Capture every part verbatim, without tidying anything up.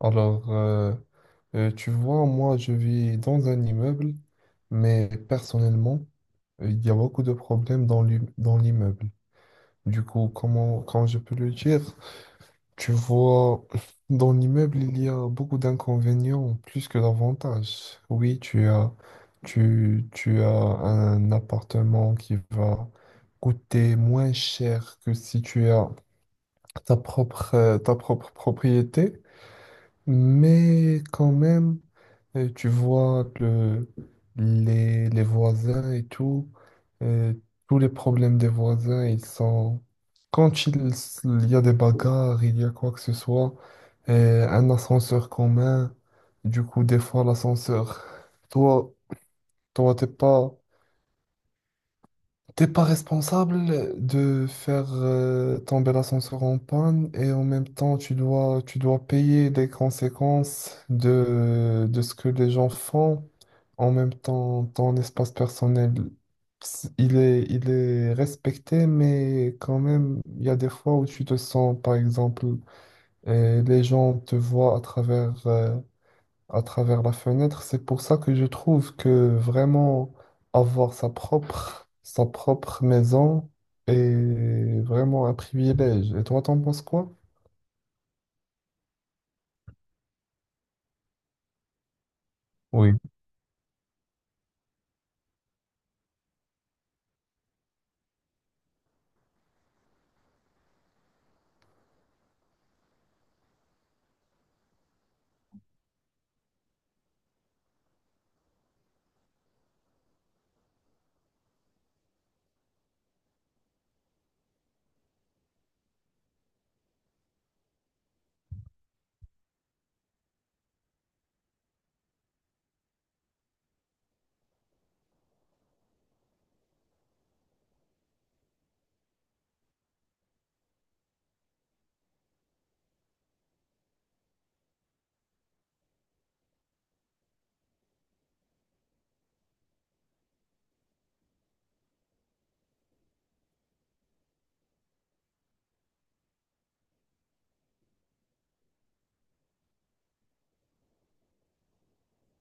Alors, euh, euh, tu vois, moi, je vis dans un immeuble, mais personnellement, euh, il y a beaucoup de problèmes dans l'im- dans l'immeuble. Du coup, comment, quand je peux le dire, tu vois, dans l'immeuble, il y a beaucoup d'inconvénients plus que d'avantages. Oui, tu as, tu, tu as un appartement qui va coûter moins cher que si tu as ta propre, euh, ta propre propriété. Mais quand même, euh, tu vois le, les, les voisins et tout, euh, tous les problèmes des voisins, ils sont... Quand il, s- il y a des bagarres, il y a quoi que ce soit, euh, un ascenseur commun, du coup, des fois, l'ascenseur, toi, toi, t'es pas... T'es pas responsable de faire euh, tomber l'ascenseur en panne et en même temps tu dois tu dois payer les conséquences de, de ce que les gens font. En même temps, ton espace personnel, s- il est, il est respecté, mais quand même, il y a des fois où tu te sens, par exemple, euh, les gens te voient à travers euh, à travers la fenêtre. C'est pour ça que je trouve que vraiment avoir sa propre, sa propre maison est vraiment un privilège. Et toi, t'en penses quoi? Oui.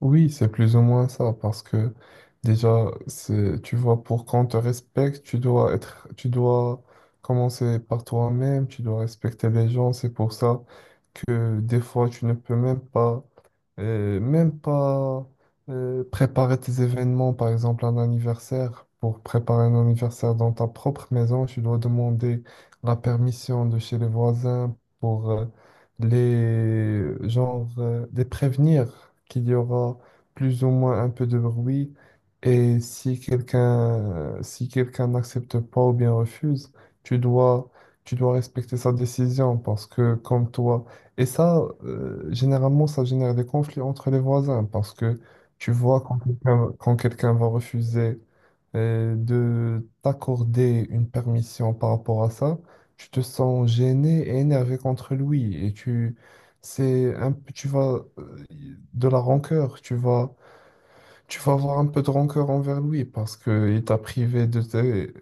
Oui, c'est plus ou moins ça, parce que déjà, c'est, tu vois, pour qu'on te respecte, tu dois être, tu dois commencer par toi-même, tu dois respecter les gens. C'est pour ça que des fois, tu ne peux même pas Euh, même pas euh, préparer tes événements, par exemple un anniversaire. Pour préparer un anniversaire dans ta propre maison, tu dois demander la permission de chez les voisins pour euh, les genre euh, les prévenir qu'il y aura plus ou moins un peu de bruit. Et si quelqu'un si quelqu'un n'accepte pas ou bien refuse, tu dois tu dois respecter sa décision parce que comme toi et ça, euh, généralement, ça génère des conflits entre les voisins parce que tu vois quand quelqu'un quand quelqu'un va refuser euh, de t'accorder une permission par rapport à ça, tu te sens gêné et énervé contre lui et tu c'est un peu- tu vas euh, de la rancœur, tu vas tu vas avoir un peu de rancœur envers lui parce que il t'a privé de tes,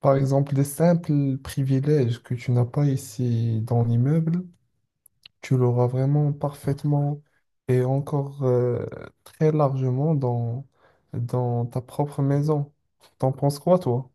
par exemple des simples privilèges que tu n'as pas ici dans l'immeuble tu l'auras vraiment parfaitement et encore euh, très largement dans, dans ta propre maison. T'en penses quoi, toi?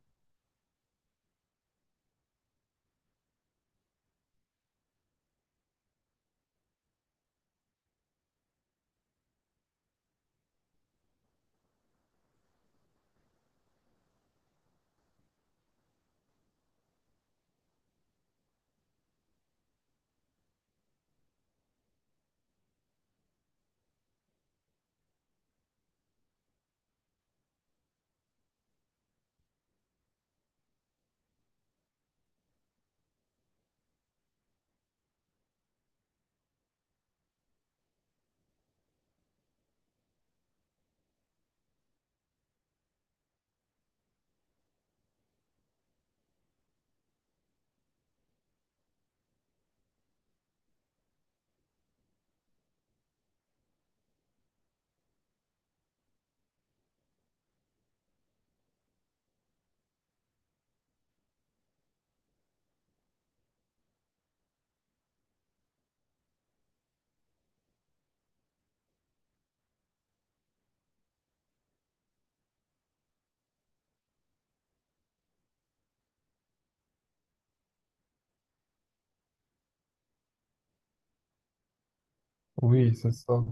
Oui, c'est ça.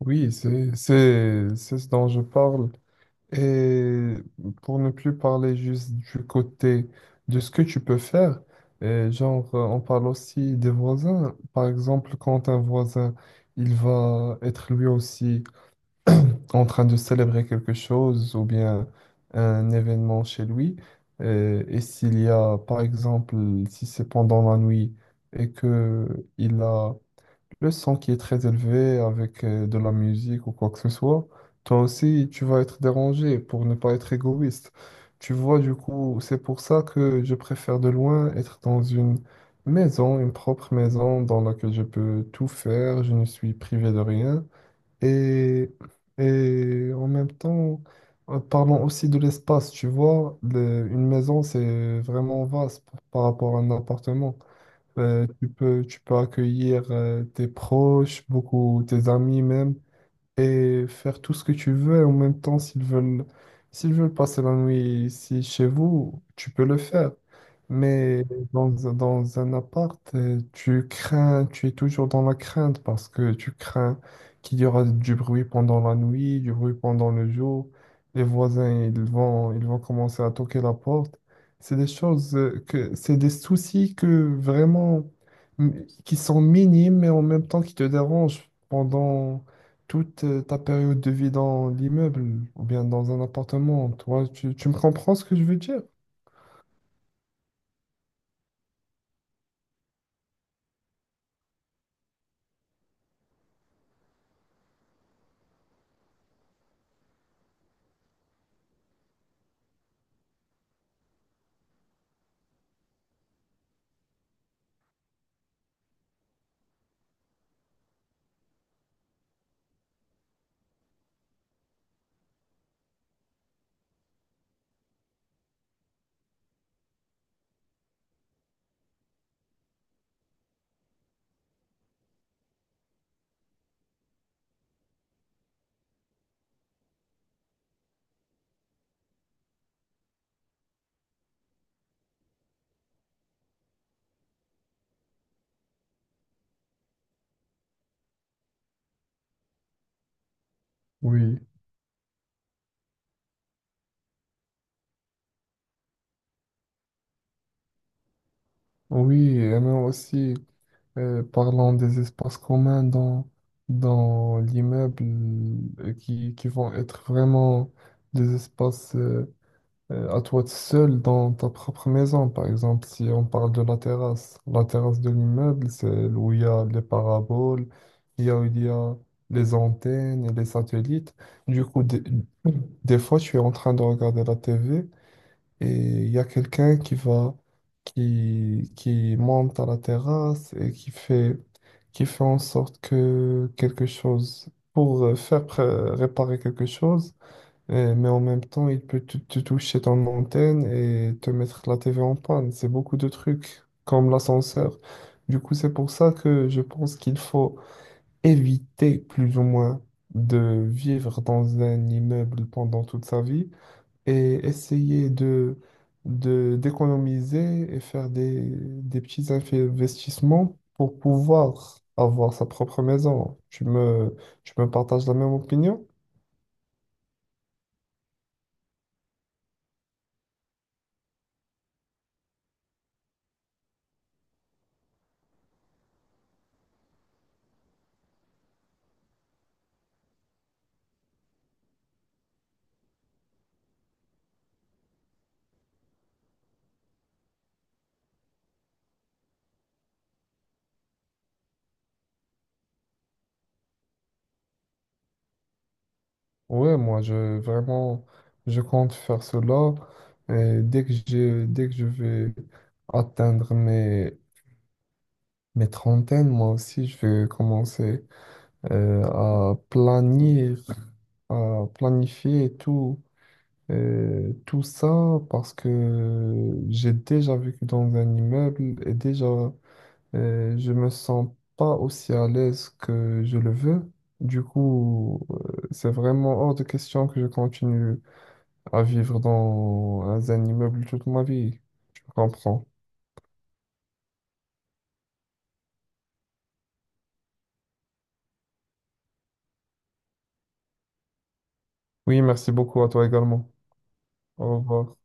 Oui, c'est, c'est, c'est ce dont je parle. Et pour ne plus parler juste du côté de ce que tu peux faire, et genre, euh, on parle aussi des voisins. Par exemple, quand un voisin, il va être lui aussi en train de célébrer quelque chose ou bien un événement chez lui. euh, Et, s'il y a, par exemple, si c'est pendant la nuit et que il a le son qui est très élevé avec euh, de la musique ou quoi que ce soit, toi aussi, tu vas être dérangé pour ne pas être égoïste. Tu vois, du coup, c'est pour ça que je préfère de loin être dans une maison, une propre maison dans laquelle je peux tout faire, je ne suis privé de rien. Et, et en même temps, euh, parlons aussi de l'espace, tu vois, le- une maison, c'est vraiment vaste p- par rapport à un appartement. Euh, tu peux, tu peux accueillir euh, tes proches, beaucoup, tes amis même et faire tout ce que tu veux et en même temps s'ils veulent s'ils veulent passer la nuit ici chez vous, tu peux le faire. Mais dans, un- dans un appart, euh, tu crains, tu es toujours dans la crainte parce que tu crains qu'il y aura du bruit pendant la nuit, du bruit pendant le jour. Les voisins, ils vont, ils vont commencer à toquer la porte. C'est des choses euh, que, c'est des soucis que vraiment, mm, qui sont minimes, mais en même temps qui te dérangent pendant, toute euh, ta période de vie dans l'immeuble ou bien dans un appartement. Toi, tu, tu me comprends ce que je veux dire? Oui, oui, et même aussi, euh, parlant des espaces communs dans, dans l'immeuble euh, qui, qui vont être vraiment des espaces euh, euh, à toi tout seul dans ta propre maison. Par exemple, si on parle de la terrasse, la terrasse de l'immeuble, c'est où il y a les paraboles, il y a où il y a les antennes et les satellites. Du coup, des, des fois, je suis en train de regarder la T V et il y a quelqu'un qui va, qui, qui monte à la terrasse et qui fait, qui fait en sorte que quelque chose, pour euh, faire pré- réparer quelque chose, et- mais en même temps, il peut te, te toucher ton antenne et te mettre la T V en panne. C'est beaucoup de trucs, comme l'ascenseur. Du coup, c'est pour ça que je pense qu'il faut éviter plus ou moins de vivre dans un immeuble pendant toute sa vie et essayer de, de, d'économiser et faire des, des petits investissements pour pouvoir avoir sa propre maison. Tu me, tu me partages la même opinion? Ouais, moi, je vraiment, je compte faire cela. Et dès que j'ai, dès que je vais atteindre mes, mes trentaines, moi aussi, je vais commencer euh, à planir à planifier tout, euh, tout ça parce que j'ai déjà vécu dans un immeuble et déjà, euh, je me sens pas aussi à l'aise que je le veux. Du coup, euh, c'est vraiment hors de question que je continue à vivre dans un immeuble toute ma vie. Je comprends. Oui, merci beaucoup à toi également. Au revoir.